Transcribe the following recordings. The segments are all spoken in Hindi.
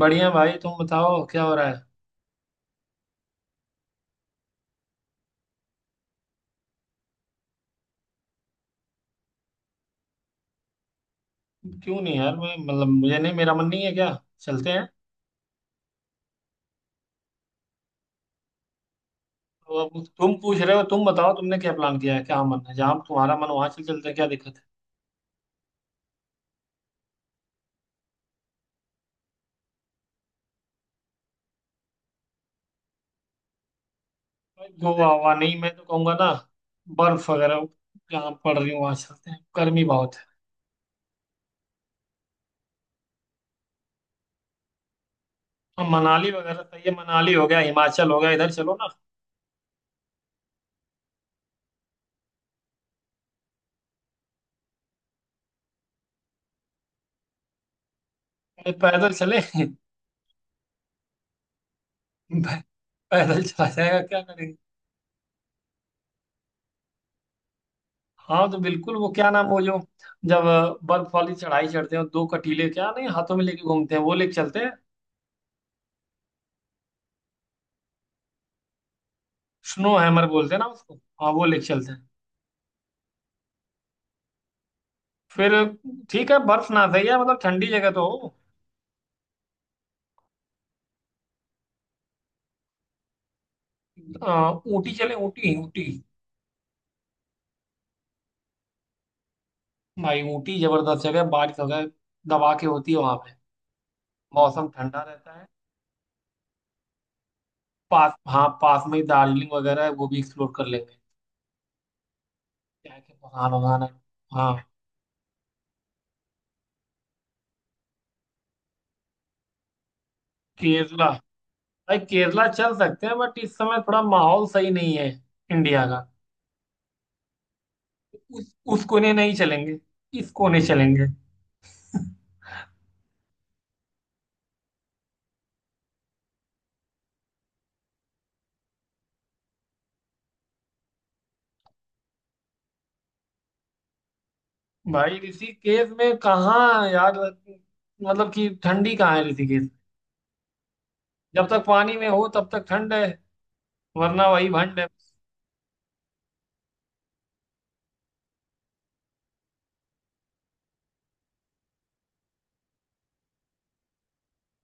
बढ़िया भाई। तुम बताओ क्या हो रहा है। क्यों नहीं यार, मैं मतलब मुझे नहीं, मेरा मन नहीं है क्या। चलते हैं। तो अब तुम पूछ रहे हो, तुम बताओ तुमने क्या प्लान किया है, क्या मन है, जहाँ तुम्हारा मन वहां चल चलते हैं, क्या दिक्कत है। भाई गोवा हुआ नहीं, मैं तो कहूंगा ना बर्फ वगैरह जहाँ पड़ रही है वहां चलते हैं, गर्मी बहुत है। अब मनाली वगैरह सही है, मनाली हो गया, हिमाचल हो गया, इधर चलो ना। अरे पैदल चले। पैदल चला जाएगा, क्या करेंगे। हाँ तो बिल्कुल, वो क्या नाम, वो जो जब बर्फ वाली चढ़ाई चढ़ते हैं दो कटीले, क्या नहीं हाथों में लेके घूमते हैं, वो लेके चलते हैं। स्नो हैमर बोलते हैं ना उसको। हाँ वो लेके चलते हैं। फिर ठीक है, बर्फ ना सही है मतलब, ठंडी जगह तो हो। ऊटी चले, ऊटी ऊटी। भाई ऊटी जबरदस्त जगह है, बारिश वगैरह दबा के होती है वहां पे, मौसम ठंडा रहता है। पास, हाँ पास में ही दार्जिलिंग वगैरह है, वो भी एक्सप्लोर कर लेंगे। क्या है कि वहां वहां है। हाँ। केरला भाई केरला चल सकते हैं, बट इस समय थोड़ा माहौल सही नहीं है इंडिया का। उस कोने नहीं चलेंगे, इस कोने चलेंगे। भाई ऋषिकेश में कहाँ यार, मतलब कि ठंडी कहाँ है ऋषिकेश। जब तक पानी में हो तब तक ठंड है, वरना वही भंड है।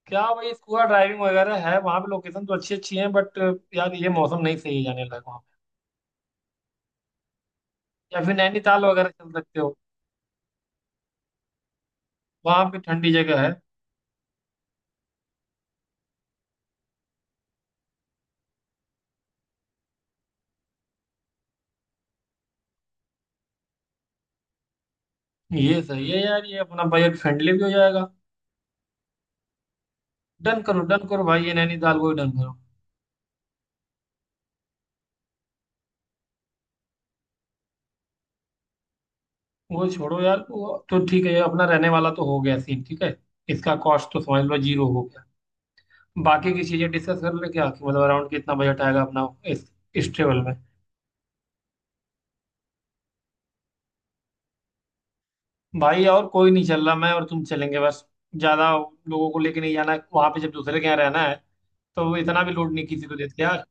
क्या भाई, स्कूबा ड्राइविंग वगैरह है वहां पे, लोकेशन तो अच्छी अच्छी है, बट यार ये मौसम नहीं सही है जाने लायक वहाँ पे। या फिर नैनीताल वगैरह चल सकते हो, वहां पे ठंडी जगह है। ये सही है यार, ये अपना बजट फ्रेंडली भी हो जाएगा। डन करो भाई, ये नैनीताल को ही डन करो। वो छोड़ो यार, वो तो ठीक है, ये अपना रहने वाला तो हो गया सीन ठीक है, इसका कॉस्ट तो समझ लो जीरो हो गया। बाकी की चीजें डिस्कस कर ले क्या, कि मतलब अराउंड कितना बजट आएगा अपना इस इस ट्रेवल में। भाई और कोई नहीं चल रहा, मैं और तुम चलेंगे बस। ज्यादा लोगों को लेके नहीं जाना है वहां पे, जब दूसरे के यहाँ रहना है तो इतना भी लोड नहीं किसी को देते यार।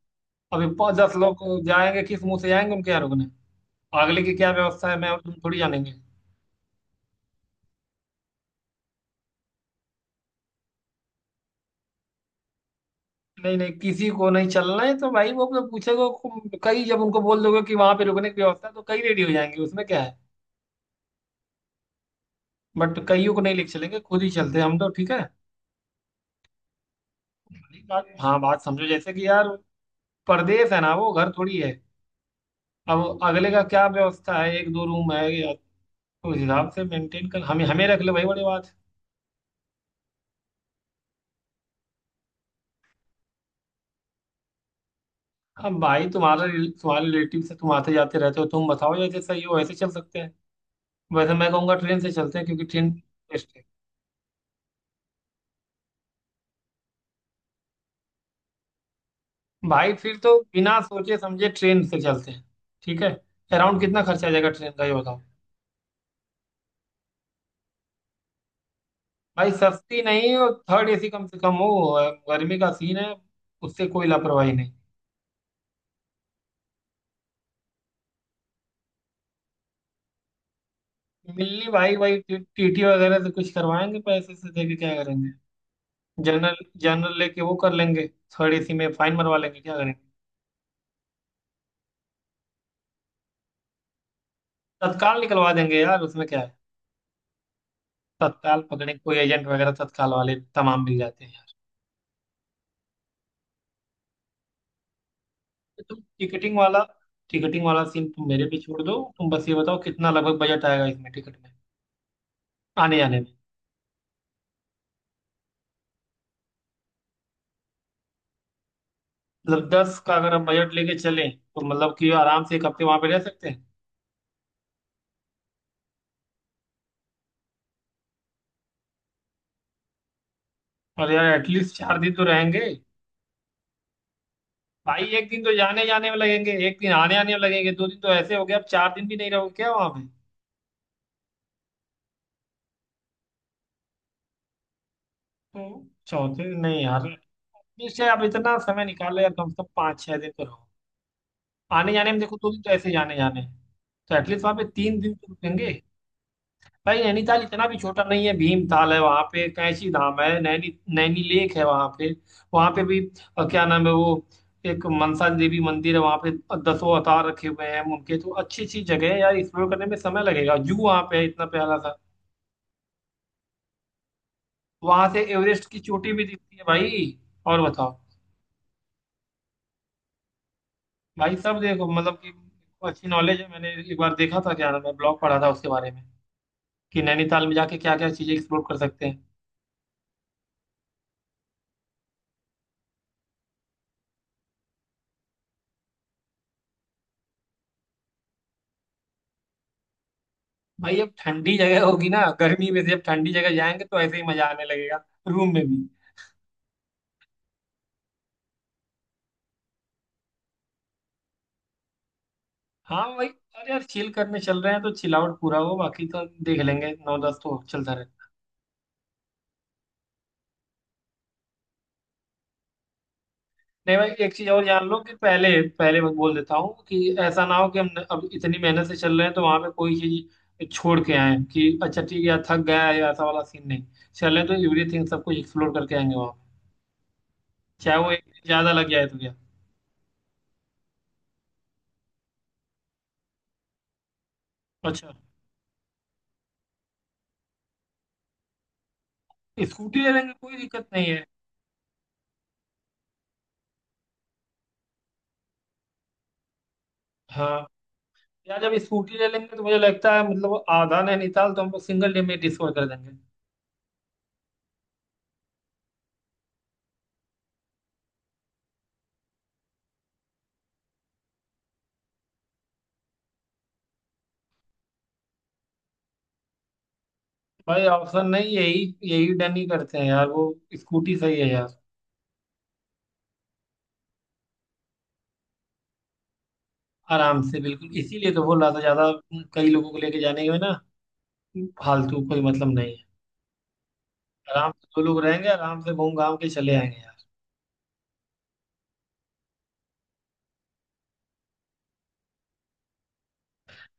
अभी पाँच दस लोग जाएंगे किस मुंह से जाएंगे उनके यहाँ रुकने, अगले की क्या व्यवस्था है, मैं और तुम थोड़ी जानेंगे। नहीं नहीं किसी को नहीं चलना है तो भाई वो अपने पूछेगा कई, जब उनको बोल दोगे कि वहां पे रुकने की व्यवस्था है, तो कई रेडी हो जाएंगे, उसमें क्या है। बट कईयों को नहीं लेके चलेंगे, खुद ही चलते हैं हम तो ठीक है। नहीं, बात, हाँ बात समझो, जैसे कि यार परदेश है ना, वो घर थोड़ी है। अब अगले का क्या व्यवस्था है, एक दो रूम है तो उस हिसाब से मेंटेन कर हमें हमें रख ले भाई, बड़ी बात है। अब भाई तुम्हारा तुम्हारे रिलेटिव से तुम आते जाते रहते हो, तुम बताओ जैसे सही हो वैसे चल सकते हैं। वैसे मैं कहूंगा ट्रेन से चलते हैं क्योंकि ट्रेन, भाई फिर तो बिना सोचे समझे ट्रेन से चलते हैं। ठीक है। अराउंड कितना खर्चा आ जाएगा ट्रेन का ये बताओ। भाई सस्ती नहीं, और थर्ड एसी कम से कम हो, और गर्मी का सीन है, उससे कोई लापरवाही नहीं। मिलनी भाई, भाई टीटी वगैरह से कुछ करवाएंगे पैसे से देके, क्या करेंगे जनरल। जनरल लेके वो कर लेंगे, थर्ड एसी में फाइन मरवा लेंगे, क्या करेंगे। तत्काल निकलवा देंगे यार, उसमें क्या है। तत्काल पकड़े कोई एजेंट वगैरह, तत्काल वाले तमाम मिल जाते हैं। तुम टिकटिंग वाला सीन तुम मेरे पे छोड़ दो, तुम बस ये बताओ कितना लगभग बजट आएगा इसमें टिकट में, आने जाने में। मतलब दस का अगर हम बजट लेके चलें तो मतलब कि आराम से एक हफ्ते वहां पे रह सकते हैं। और यार एटलीस्ट 4 दिन तो रहेंगे। भाई एक दिन तो जाने जाने में लगेंगे, एक दिन आने आने में लगेंगे, 2 दिन तो ऐसे हो गए, अब 4 दिन भी नहीं रहोगे क्या वहां पे। तो चौथे दिन नहीं यार, इससे आप इतना समय निकालो यार, कम से कम 5-6 दिन तो रहो। आने जाने में देखो 2 दिन तो ऐसे ही आने जाने हैं। तो एटलीस्ट वहां पे 3 दिन तो रुकेंगे। भाई नैनीताल इतना भी छोटा नहीं है, भीमताल है वहां पे, कैंची धाम है, नैनी नैनी लेक है वहां पे, वहां पे भी क्या नाम है वो, एक मनसा देवी मंदिर है वहां पे, दसों अवतार रखे हुए हैं उनके, तो अच्छी अच्छी जगह है यार, एक्सप्लोर करने में समय लगेगा। जू वहां पे है इतना प्यारा सा। वहां से एवरेस्ट की चोटी भी दिखती है भाई। और बताओ। भाई सब देखो मतलब कि अच्छी नॉलेज है, मैंने एक बार देखा था, क्या नाम है, ब्लॉग पढ़ा था उसके बारे में कि नैनीताल में जाके क्या क्या चीजें एक्सप्लोर कर सकते हैं। भाई अब ठंडी जगह होगी ना, गर्मी में से अब ठंडी जगह जाएंगे तो ऐसे ही मजा आने लगेगा, रूम में भी। हाँ भाई, अरे यार चिल करने चल रहे हैं तो चिल आउट पूरा हो, बाकी तो देख लेंगे, नौ दस तो चलता रहे। नहीं भाई एक चीज और जान लो कि पहले पहले मैं बोल देता हूँ कि ऐसा ना हो कि हम अब इतनी मेहनत से चल रहे हैं तो वहां पे कोई चीज छोड़ के आए कि अच्छा ठीक है यार, थक गया है या ऐसा वाला सीन नहीं, चल रहे हैं तो एवरीथिंग सब कुछ एक्सप्लोर करके आएंगे वहां, चाहे वो एक दिन ज्यादा लग जाए तो क्या। अच्छा स्कूटी ले लेंगे, कोई दिक्कत नहीं है। हाँ यार जब स्कूटी ले लेंगे तो मुझे लगता है मतलब आधा नैनीताल तो हमको सिंगल डे में डिस्कवर कर देंगे। भाई ऑप्शन नहीं, यही यही डन ही करते हैं यार वो, स्कूटी सही है यार। आराम से बिल्कुल, इसीलिए तो बोल रहा था, ज्यादा कई लोगों को लेके जाने में ना फालतू कोई मतलब नहीं है। आराम से दो लोग रहेंगे, आराम से घूम घाम के चले आएंगे यार।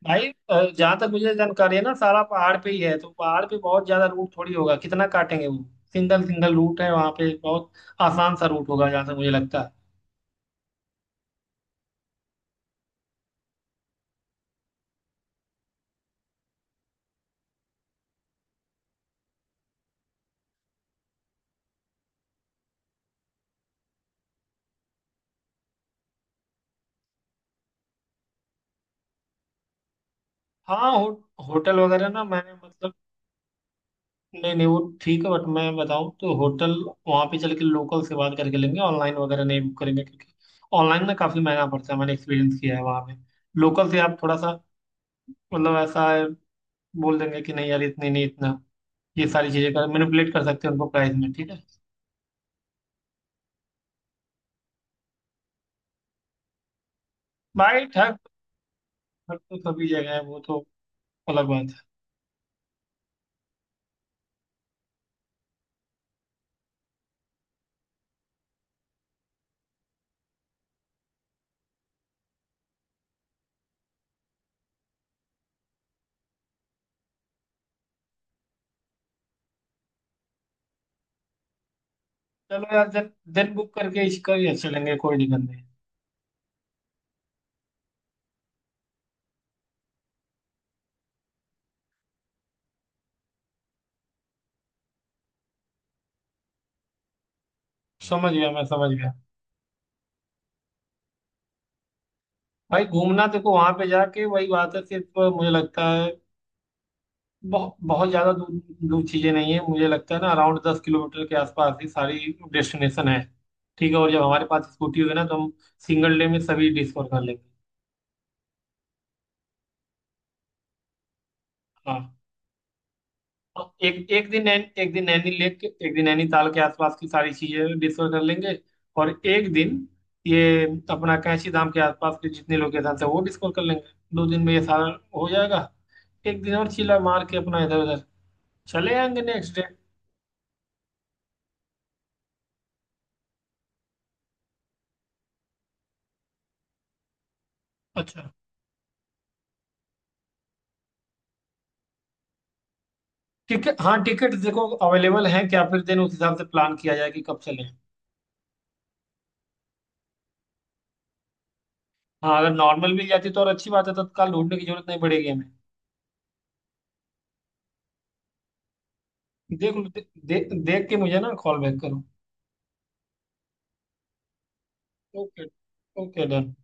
भाई जहाँ तक मुझे जानकारी है ना, सारा पहाड़ पे ही है, तो पहाड़ पे बहुत ज्यादा रूट थोड़ी होगा, कितना काटेंगे वो। सिंगल सिंगल रूट है वहाँ पे, बहुत आसान सा रूट होगा जहाँ तक मुझे लगता है। हाँ होटल वगैरह ना मैंने मतलब, नहीं नहीं वो ठीक है, बट मैं बताऊँ तो होटल वहाँ पे चल के लोकल से बात करके लेंगे, ऑनलाइन वगैरह नहीं बुक करेंगे, क्योंकि ऑनलाइन ना काफ़ी महंगा पड़ता है, मैंने एक्सपीरियंस किया है वहाँ पे, लोकल से आप थोड़ा सा मतलब ऐसा बोल देंगे कि नहीं यार इतने नहीं इतना, ये सारी चीज़ें कर मैनिपुलेट कर सकते हैं उनको प्राइस में, ठीक है। भाई ठग, ठग तो सभी जगह है, वो तो अलग बात है। चलो यार दिन दिन बुक करके इसका ही चलेंगे, कोई दिक्कत नहीं। समझ गया, मैं समझ गया। भाई घूमना देखो, वहां पे जाके वही बात है, सिर्फ मुझे लगता है बहुत बहुत ज्यादा दूर दूर चीजें नहीं है, मुझे लगता है ना अराउंड 10 किलोमीटर के आसपास ही सारी डेस्टिनेशन है। ठीक है, और जब हमारे पास स्कूटी होगी ना तो हम सिंगल डे में सभी डिस्कवर कर लेंगे। हाँ, और एक एक दिन एक दिन नैनी लेक के, एक दिन नैनीताल के आसपास की सारी चीजें डिस्कवर कर लेंगे, और एक दिन ये अपना कैंची धाम के आसपास के जितने लोकेशन है वो डिस्कवर कर लेंगे। 2 दिन में ये सारा हो जाएगा। एक दिन और चिल्ला मार के अपना इधर उधर चले आएंगे नेक्स्ट। अच्छा, टिकट, हाँ टिकट देखो अवेलेबल है क्या, फिर देन उस हिसाब से प्लान किया जाए कि कब चलें। हाँ अगर नॉर्मल मिल जाती तो और अच्छी बात है, तत्काल ढूंढने की जरूरत नहीं पड़ेगी हमें। देख लो, दे, दे, देख के मुझे ना कॉल बैक करो। ओके। Okay done.